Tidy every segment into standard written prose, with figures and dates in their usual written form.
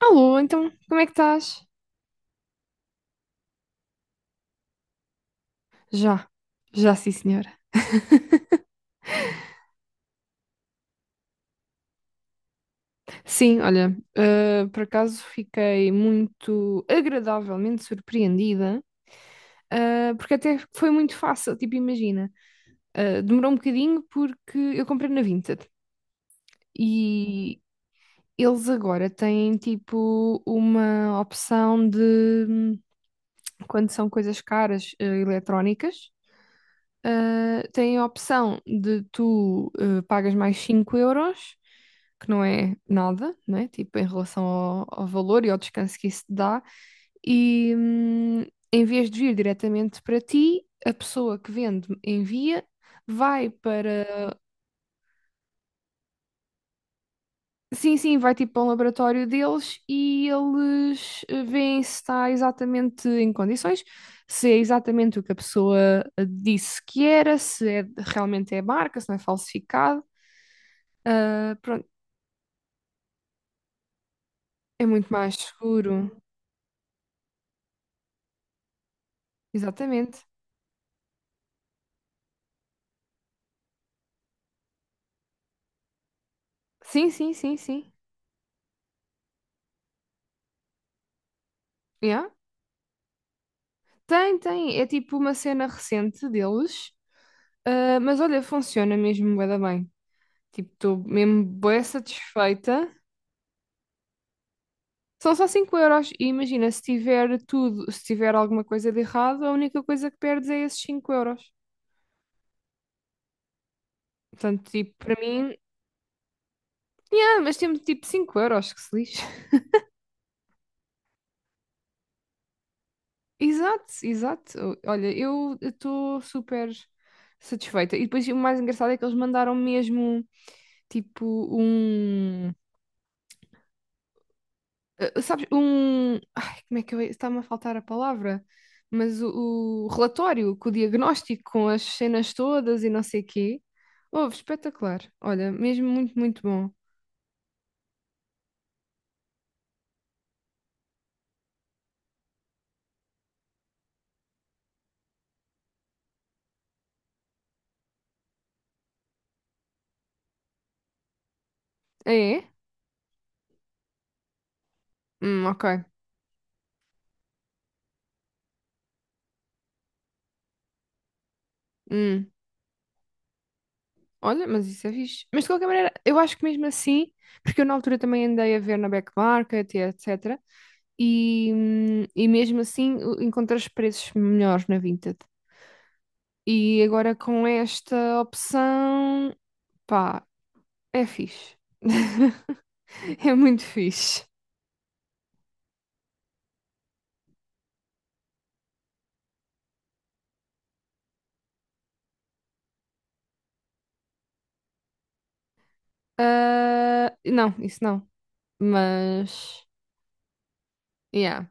Alô, então, como é que estás? Já, já sim, senhora. Sim, olha, por acaso fiquei muito agradavelmente surpreendida, porque até foi muito fácil, tipo, imagina, demorou um bocadinho porque eu comprei na Vinted e eles agora têm, tipo, uma opção de, quando são coisas caras, eletrónicas, tem a opção de tu pagas mais 5 euros, que não é nada, né? Tipo, em relação ao valor e ao descanso que isso te dá, e em vez de vir diretamente para ti, a pessoa que vende envia, vai para. Sim, sim, vai tipo para um laboratório deles e eles veem se está exatamente em condições, se é exatamente o que a pessoa disse que era, se é- realmente é marca, se não é falsificado. Ah, pronto, é muito mais seguro. Exatamente. Sim, sim, sim, sim. Yeah. Tem, tem. É tipo uma cena recente deles, mas olha, funciona mesmo bué da bem. Tipo, estou mesmo bué satisfeita. São só 5 € e imagina, se tiver tudo, se tiver alguma coisa de errado, a única coisa que perdes é esses cinco euros. Portanto, tipo, para mim, mas temos tipo 5 euros, que se lixe. Exato, exato. Olha, eu estou super satisfeita. E depois o mais engraçado é que eles mandaram mesmo, tipo, um, sabes, um. Ai, como é que eu. Está-me a faltar a palavra. Mas o relatório, com o diagnóstico, com as cenas todas e não sei quê. Houve, espetacular. Olha, mesmo muito, muito bom. Ah, é? Ok. Hum. Olha, mas isso é fixe. Mas de qualquer maneira, eu acho que mesmo assim, porque eu na altura também andei a ver na Back Market e etc. E mesmo assim encontrei os preços melhores na Vinted. E agora com esta opção. Pá, é fixe. É muito fixe. Ah, não, isso não. Mas, yeah,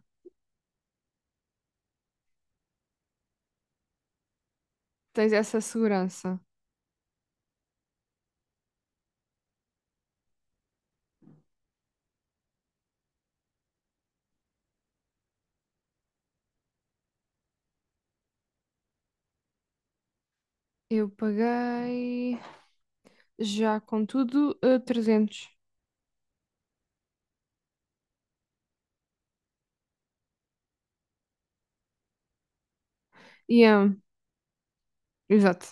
tens essa segurança. Eu paguei já com tudo 300. Yeah, exato.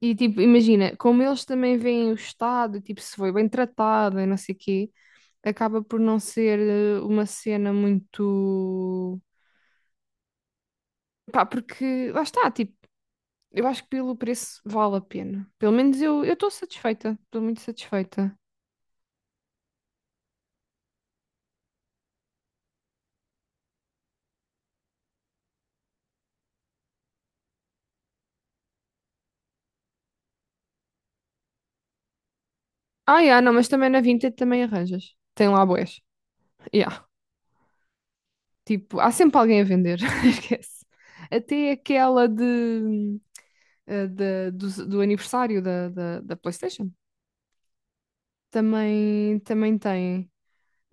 E tipo, imagina, como eles também veem o estado, tipo, se foi bem tratado e não sei o quê, acaba por não ser uma cena muito. Pá, porque lá está, tipo, eu acho que pelo preço vale a pena. Pelo menos eu estou satisfeita. Estou muito satisfeita. Ah, yeah, não, mas também na Vinted também arranjas. Tem lá bués. Yeah. Tipo, há sempre alguém a vender. Esquece. Até aquela de, do aniversário da PlayStation. Também, também tem.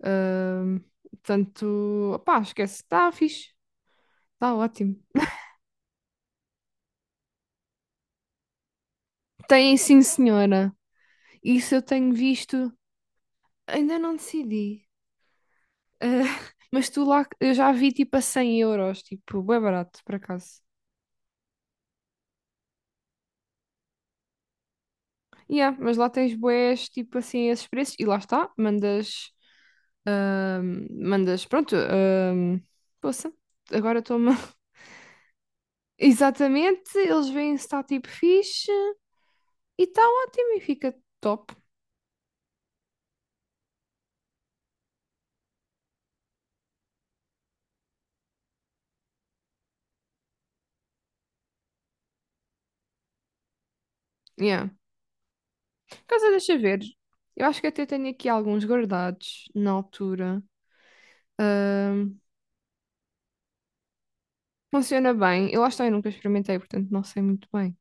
Ahm, portanto, opá, esquece. Está fixe. Está ótimo. Tem, sim, senhora. Isso eu tenho visto. Ainda não decidi. Ah, mas tu lá, eu já vi tipo a cem euros, tipo, bué barato, por acaso. Yeah, mas lá tens bués, tipo assim, esses preços, e lá está, mandas, mandas, pronto, poça, agora toma. Exatamente, eles veem se está tipo fixe, e está ótimo, e fica top. Yeah. Casa, deixa ver. Eu acho que até tenho aqui alguns guardados na altura. Ahm, funciona bem. Eu acho que eu nunca experimentei, portanto não sei muito bem.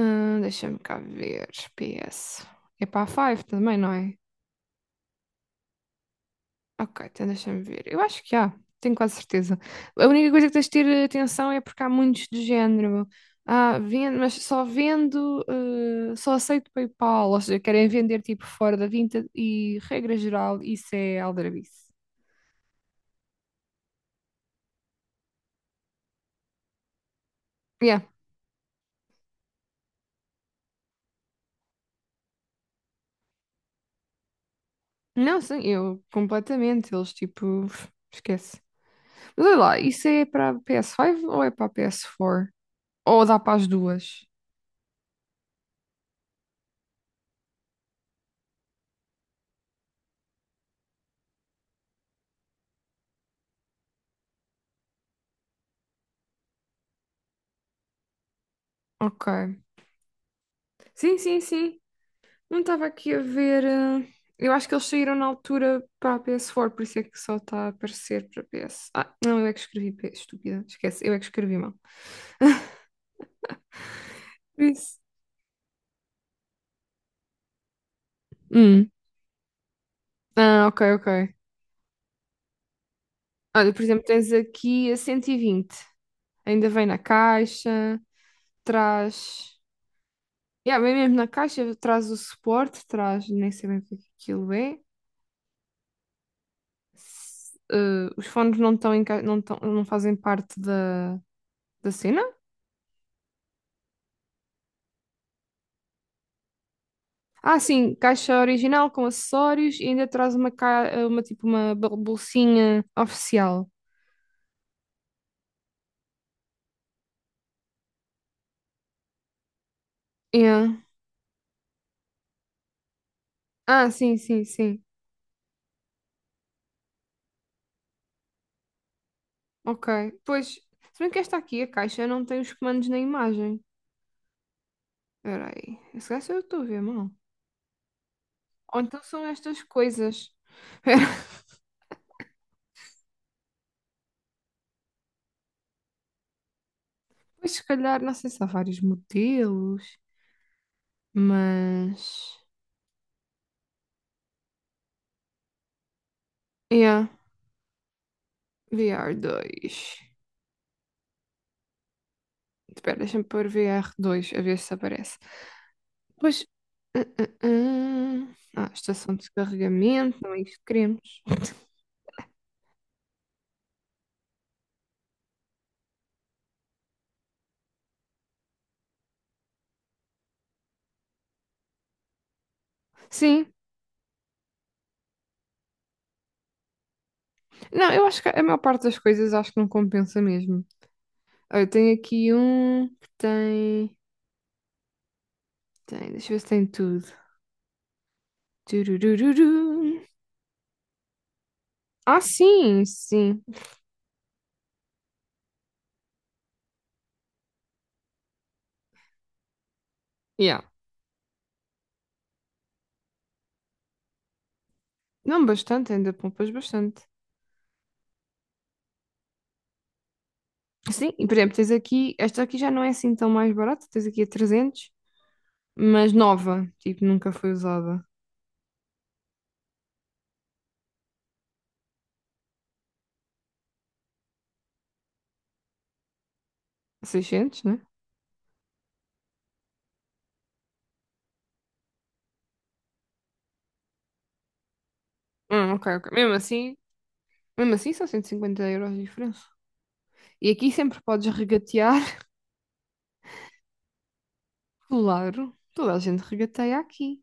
Deixa-me cá ver. PS. É para a Five também, não é? Ok, então deixa-me ver. Eu acho que há. Tenho quase certeza. A única coisa que tens de ter atenção é porque há muitos do género. Ah, vendo, mas só vendo, só aceito PayPal, ou seja, querem vender tipo fora da Vinted e regra geral, isso é aldrabice. Yeah, não, sim, eu completamente. Eles tipo, esquece. Mas olha lá, isso é para PS5 ou é para PS4? Ou dá para as duas? Ok. Sim, sim, sim. Não estava aqui a ver. Eu acho que eles saíram na altura para a PS4, por isso é que só está a aparecer para PS. Ah, não, eu é que escrevi P, S, estúpida. Esquece, eu é que escrevi mal. Isso. Hum. Ah, ok, ok. Olha, por exemplo, tens aqui a 120. Ainda vem na caixa, traz. Yeah, vem mesmo na caixa, traz o suporte, traz, nem sei bem o que é que aquilo é. Os fones não estão não estão, não fazem parte da cena. Ah, sim, caixa original com acessórios e ainda traz uma tipo uma bolsinha oficial. Yeah. Ah, sim, sim, sim. Ok. Pois, se bem que esta aqui, a caixa, não tem os comandos na imagem. Espera aí. Esse gajo eu estou a ver mal. Ou então são estas coisas. Pois, se calhar, não sei se há vários modelos. Mas. Yeah, VR2. Espera, deixa-me pôr VR2 a ver se aparece. Pois. Ah, ah, ah. Ah, estação de carregamento, não é isto que queremos. Sim, não, eu acho que a maior parte das coisas acho que não compensa mesmo. Olha, eu tenho aqui um que tem. Tem, deixa eu ver se tem tudo. Tururururu. Ah, sim, sim. Yeah. Não bastante, ainda poupas bastante. Sim, e, por exemplo, tens aqui, esta aqui já não é assim tão mais barata, tens aqui a 300, mas nova, tipo, nunca foi usada. 600, né? Ok, ok. Mesmo assim são 150 € de diferença. E aqui sempre podes regatear, claro, toda a gente regateia aqui.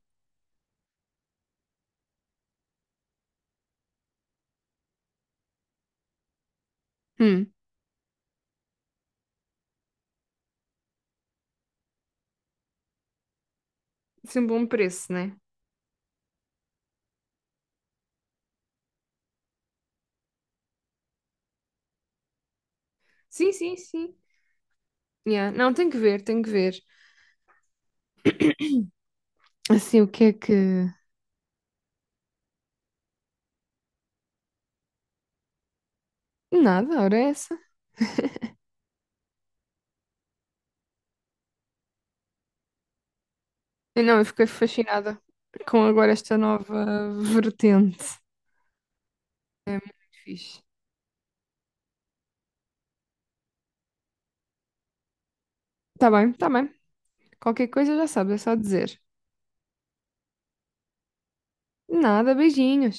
Hum, sempre um bom preço, né? Sim, sim, sim. Yeah. Não, tem que ver, tem que ver. Assim, o que é que... Nada, ora é essa. Eu não, eu fiquei fascinada com agora esta nova vertente. Fixe. Tá bem, tá bem. Qualquer coisa já sabes, é só dizer. Nada, beijinhos.